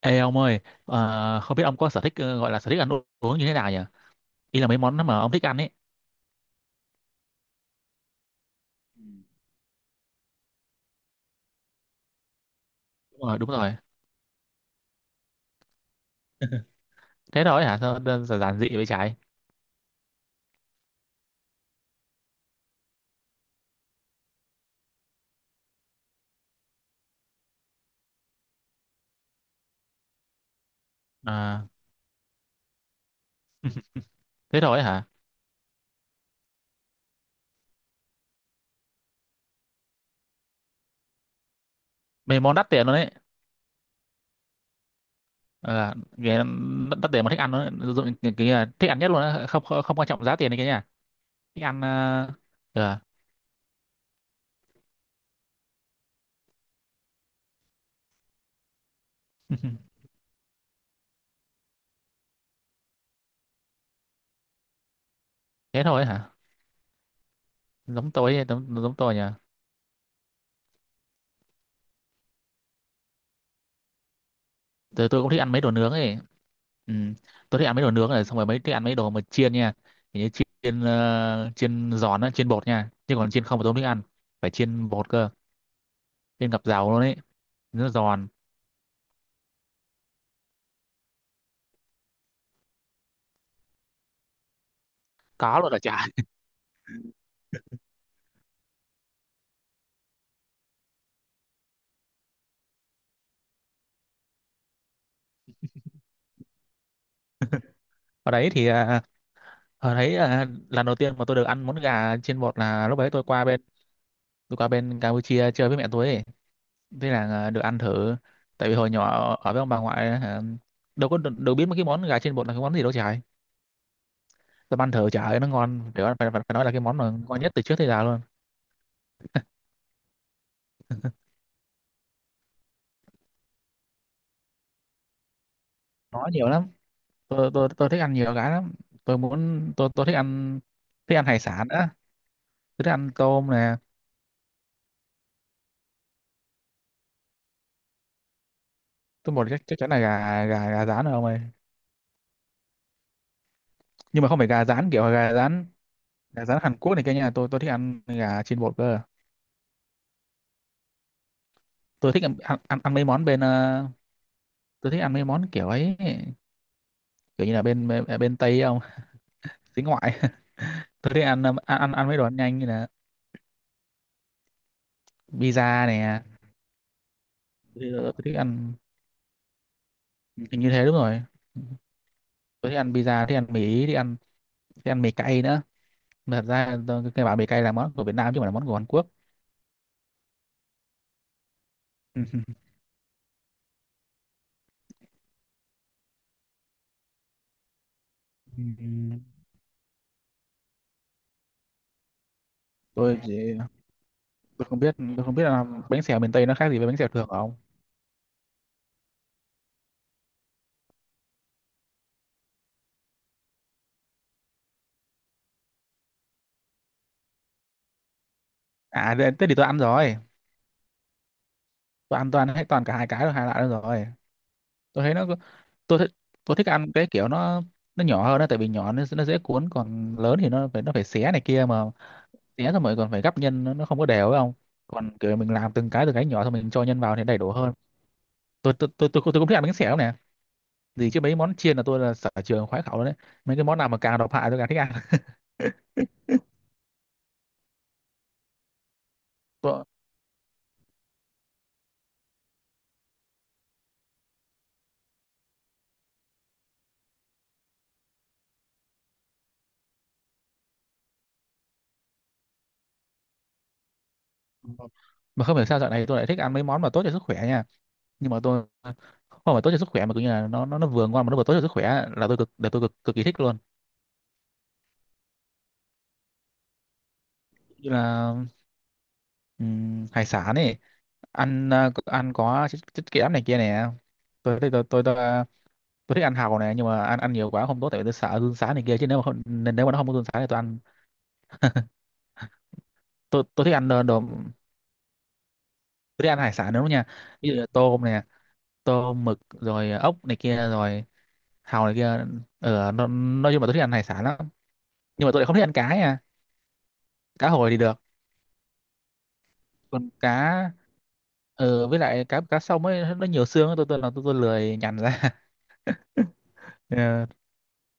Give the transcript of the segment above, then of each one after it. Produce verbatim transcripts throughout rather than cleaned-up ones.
Ê ông ơi, ờ, không biết ông có sở thích ờ, gọi là sở thích ăn uống như thế nào nhỉ? Ý là mấy món mà ông thích ăn ấy. Ừ. Đúng rồi, đúng rồi. Thế thôi hả? Sao đơn giản giản dị vậy trái? À, thế thôi hả? Mấy món đắt tiền luôn đấy. À, đắt tiền mà thích ăn nó dụng cái, cái, ờ, thích ăn nhất luôn á, không, không không quan trọng giá tiền này kia nha. Thích ăn ờ, ờ, thế thôi hả? Giống tôi giống, giống tôi nhỉ. tôi, tôi cũng thích ăn mấy đồ nướng ấy. Ừ. Tôi thích ăn mấy đồ nướng này xong rồi mấy thích ăn mấy đồ mà chiên nha. Kiểu như chiên ờ, chiên giòn á, chiên bột nha, nhưng còn chiên không mà tôi không thích ăn. Phải chiên bột cơ. Chiên ngập dầu luôn ấy. Nó giòn. Có luôn là chả. ở đấy thì à, Ở đấy à, lần đầu tiên mà tôi được ăn món gà chiên bột là lúc đấy tôi qua bên tôi qua bên Campuchia chơi với mẹ tôi ấy. Thế là, à, được ăn thử. Tại vì hồi nhỏ ở với ông bà ngoại, à, đâu có đâu biết mấy cái món gà chiên bột là cái món gì đâu trời. Tôi ăn thử, trời ơi nó ngon, phải, phải, phải phải nói là cái món mà ngon nhất từ trước tới giờ luôn. Nó nhiều lắm. Tôi tôi tôi thích ăn nhiều cái lắm. tôi muốn tôi tôi thích ăn, thích ăn hải sản á. Tôi thích ăn tôm nè. Tôi một, chắc chắc chắn là gà gà gà rán rồi ông ơi. Nhưng mà không phải gà rán kiểu gà rán, gà rán Hàn Quốc này kia nha. Tôi tôi thích ăn gà chiên bột cơ. Tôi thích ăn ăn, ăn, ăn mấy món bên ờ, tôi thích ăn mấy món kiểu ấy. Kiểu như là bên bên, bên Tây không. Xính ngoại. Tôi thích ăn ờ, ăn ăn, ăn mấy đồ ăn nhanh như là pizza nè. Tôi, tôi thích ăn. Thì như thế đúng rồi. Tôi thích ăn pizza, thích ăn mì ý, thích ăn, thích ăn mì cay nữa. Mà thật ra tôi cái bảo mì cay là món của Việt Nam chứ không phải là món của Hàn Quốc. Ừm, tôi chỉ tôi không biết tôi không biết là bánh xèo miền Tây nó khác gì với bánh xèo thường không. à thế Thế thì tôi ăn rồi. Tôi ăn toàn hết, toàn cả hai cái rồi, hai loại đó rồi. Tôi thấy nó có- tôi thích tôi thích ăn cái kiểu nó nó nhỏ hơn đó. Tại vì nhỏ, nó, nó dễ cuốn. Còn lớn thì nó phải nó phải xé này kia mà, xé xong rồi còn phải gắp nhân, nó, nó không có đều phải không. Còn kiểu mình làm từng cái, từng cái nhỏ xong mình cho nhân vào thì đầy đủ hơn. Tôi tôi tôi tôi, cũng- tôi cũng thích ăn bánh xèo lắm nè. Gì chứ mấy món chiên là tôi là sở trường khoái khẩu đấy. Mấy cái món nào mà càng độc hại tôi càng thích ăn. tôi, mà không hiểu sao dạo này tôi lại thích ăn mấy món mà tốt cho sức khỏe nha. Nhưng mà tôi không phải tốt cho sức khỏe mà cứ như là nó nó nó vừa ngon mà nó vừa tốt cho sức khỏe là tôi cực là tôi cực cực kỳ thích luôn. Như là ừm, hải sản ấy. Ăn à, có- ăn có chất, chất kẽm này kia nè. tôi tôi tôi tôi, tôi, à, tôi thích ăn hàu này, nhưng mà ăn ăn nhiều quá không tốt tại vì tôi sợ run sán này kia chứ nếu mà không, nên nếu mà nó không có run sán thì tôi ăn. Tôi tôi thích ăn đồ đồ. Tôi đi ăn hải sản đúng không nha. Ví dụ như tôm này, tôm mực rồi ốc này kia rồi hàu này kia. Ờ nó, nói chung là tôi thích ăn hải sản lắm, nhưng mà tôi lại không thích ăn cá nha. Cá hồi thì được. Còn cá ờ với lại cá cá sông ấy nó nhiều xương ấy. tôi tôi là tôi, tôi lười nhằn ra. Ờ,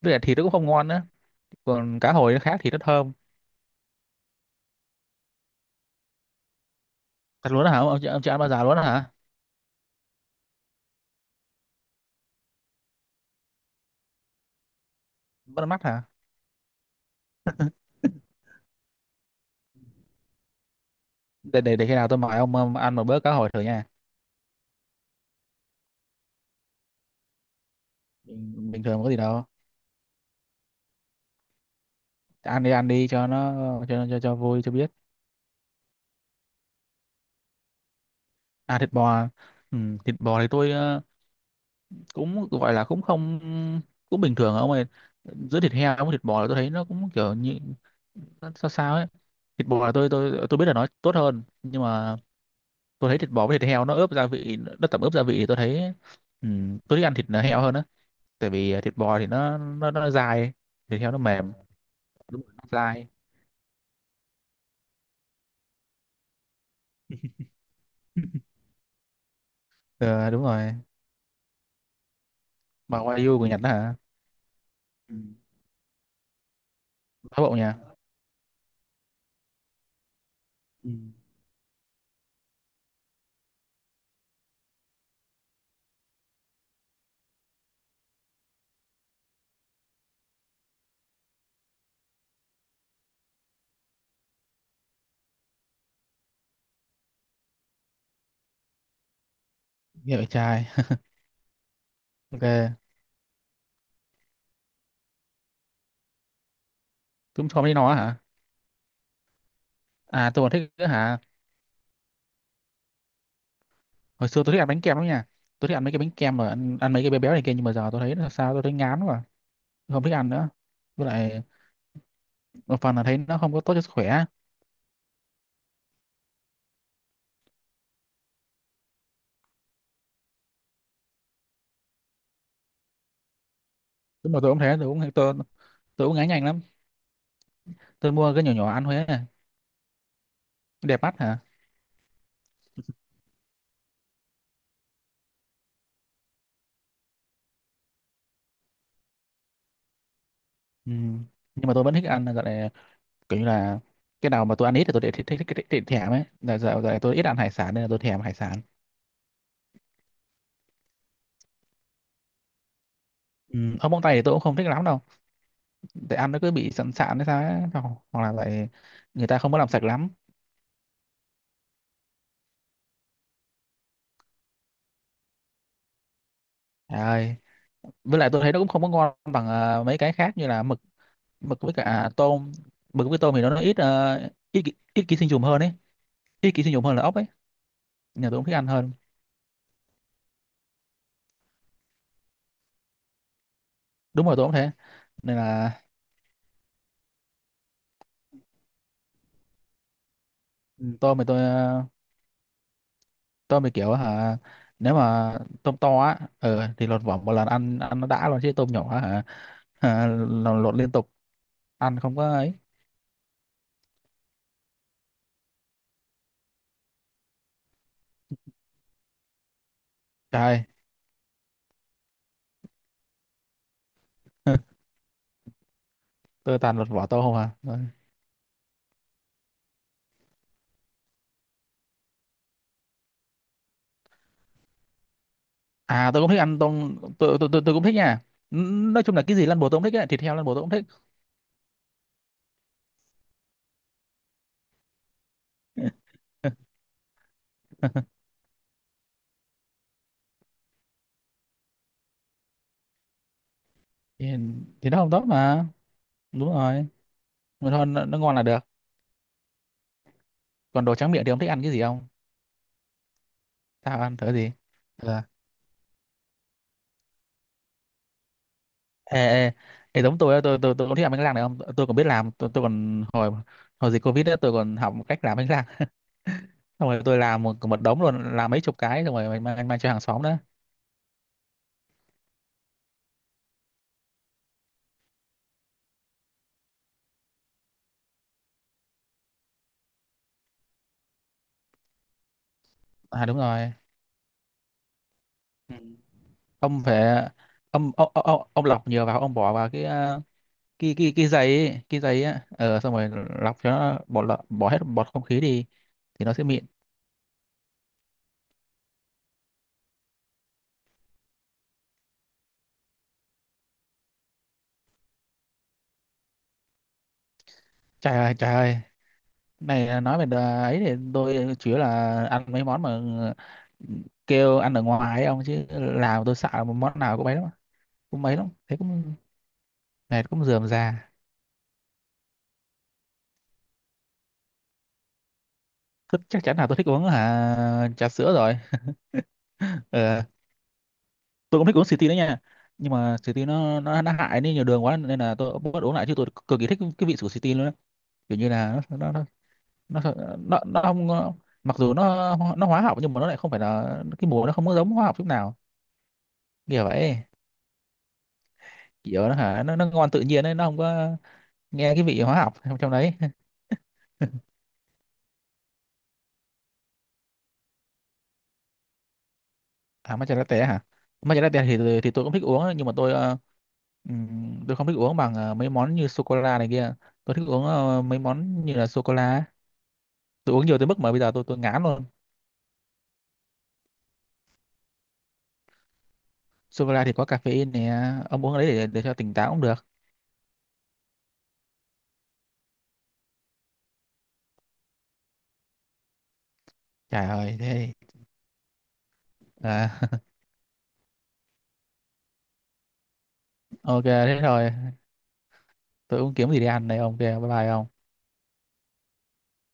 với lại thịt nó cũng không ngon nữa. Còn cá hồi nó khác thì nó thơm. Thật luôn đó hả ông, chưa- ông chưa ăn bao giờ luôn đó hả? Bắt mắt hả? Để để để khi nào tôi mời ông, ông ăn một bữa cá hồi thử nha. Bình, bình thường có gì đâu. Ăn đi, ăn đi cho nó, cho cho cho vui cho biết. À thịt bò à? Ừ, thịt bò thì tôi ờ, cũng gọi là cũng không, cũng bình thường ông ơi. Giữa thịt heo với thịt bò là tôi thấy nó cũng kiểu như nó sao sao ấy. Thịt bò là tôi tôi tôi biết là nó tốt hơn, nhưng mà tôi thấy thịt bò với thịt heo nó ướp gia vị, nó tẩm ướp gia vị thì tôi thấy, ừ, tôi thích ăn thịt heo hơn á. Tại vì ờ, thịt bò thì nó nó nó dai. Thịt heo nó mềm. Đúng rồi, nó dai. Ờ đúng rồi. Mà Wagyu của Nhật đó hả? Ừ. Thái Bộ nhà. Ừ. Nghe vậy trai. Ok. Chúng không thấy nó hả. À tôi còn thích nữa hả. Hồi xưa tôi thích ăn bánh kem lắm nha. Tôi thích ăn mấy cái bánh kem mà ăn, ăn mấy cái bé béo này kia, nhưng mà giờ tôi thấy là sao tôi thấy ngán quá. Tôi không thích ăn nữa. Với lại một phần là thấy nó không có tốt cho sức khỏe. Đúng mà tôi cũng thế, tôi cũng tôi, tôi cũng ngán nhanh lắm. Tôi mua cái nhỏ nhỏ ăn Huế này, đẹp mắt hả. Ừ. Nhưng mà tôi vẫn thích ăn, gọi là kiểu như là cái nào mà tôi ăn ít thì tôi để thích thích, thích, thích, thích thèm ấy. Là giờ, giờ tôi ít ăn hải sản nên là tôi thèm hải sản. Ừ. Ở móng tay thì tôi cũng không thích lắm đâu. Để ăn nó cứ bị sẵn sạn hay sao ấy. Hoặc Hoặc là lại người ta không có làm sạch lắm. Trời ơi. Với lại tôi thấy nó cũng không có ngon bằng ờ, mấy cái khác như là mực. Mực với cả tôm. Mực với tôm thì nó, nó ít ờ, ít ký- ít ký sinh trùng hơn ấy. Ít ký sinh trùng hơn là ốc ấy. Nhà tôi cũng thích ăn hơn. Đúng rồi, tôi cũng thế nên là, ừ, tôm thì tôi ờ, tôm thì kiểu hả. Nếu mà tôm to á ờ thì lột vỏ một lần, ăn ăn nó đã luôn. Chứ tôm nhỏ á, hả, hả, lột, lột liên tục ăn không có ấy. Trời ơi, tôi toàn lột vỏ tôm không à. Rồi. À tôi cũng thích ăn tôm, tôi tôi tôi, tôi cũng thích nha. N- nói chung là cái gì lăn bồ tôi cũng thích ấy. Thịt heo lăn bồ tôi cũng thích. thì, thì nó không tốt mà. Đúng rồi. Mà thôi, nó, nó ngon là được. Còn đồ tráng miệng thì ông thích ăn cái gì không? Tao ăn thử gì. Ờ. Ê, ê. Ê giống tôi á, tôi tôi tôi cũng thích ăn bánh rang này. Không tôi còn biết làm. tôi tôi còn hồi, hồi dịch covid đó tôi còn học một cách làm bánh răng. Xong rồi tôi làm một một đống luôn, làm mấy chục cái xong rồi mang mang cho hàng xóm đó. À đúng rồi. Ừ. Ông phải, ông ông ông, ông lọc nhiều vào, ông bỏ vào cái ờ, cái cái cái giấy ấy, cái giấy á ờ xong rồi lọc cho nó, bỏ lợ- bỏ hết bọt không khí đi thì nó sẽ mịn. Trời ơi, trời ơi. Này à, nói về đà- ấy thì tôi chủ yếu là ăn mấy món mà kêu ăn ở ngoài ấy ông. Chứ làm tôi sợ, một món nào cũng mấy lắm, cũng mấy lắm thế cũng mệt cũng rườm rà. Thích- chắc chắn là tôi thích uống hả trà sữa rồi. Ờ, tôi cũng thích uống Sweetie đấy nha. Nhưng mà Sweetie nó nó nó hại đi nhiều đường quá nên là tôi cũng bắt uống lại. Chứ tôi cực kỳ thích cái vị của Sweetie luôn á. Kiểu như là nó nó nó nó nó, nó không. Mặc dù nó nó hóa học nhưng mà nó lại không phải là, cái mùi nó không có giống hóa học chút nào. Kiểu vậy. Kiểu nó hả, nó nó ngon tự nhiên ấy, nó không có nghe cái vị hóa học trong trong đấy. À matcha latte hả. Matcha latte thì thì tôi cũng thích uống ấy, nhưng mà tôi ờ, ừm, tôi không thích uống bằng ờ, mấy món như sô cô la này kia. Tôi thích uống ờ, mấy món như là sô cô la. Tôi uống nhiều tới mức mà bây giờ tôi tôi ngán luôn. Sô cô la thì có caffeine nè, ông uống cái đấy để, để cho tỉnh táo cũng được. Trời ơi thế. À, ok thế thôi. Tôi cũng kiếm gì để ăn đây ông. Kia bye bye ông.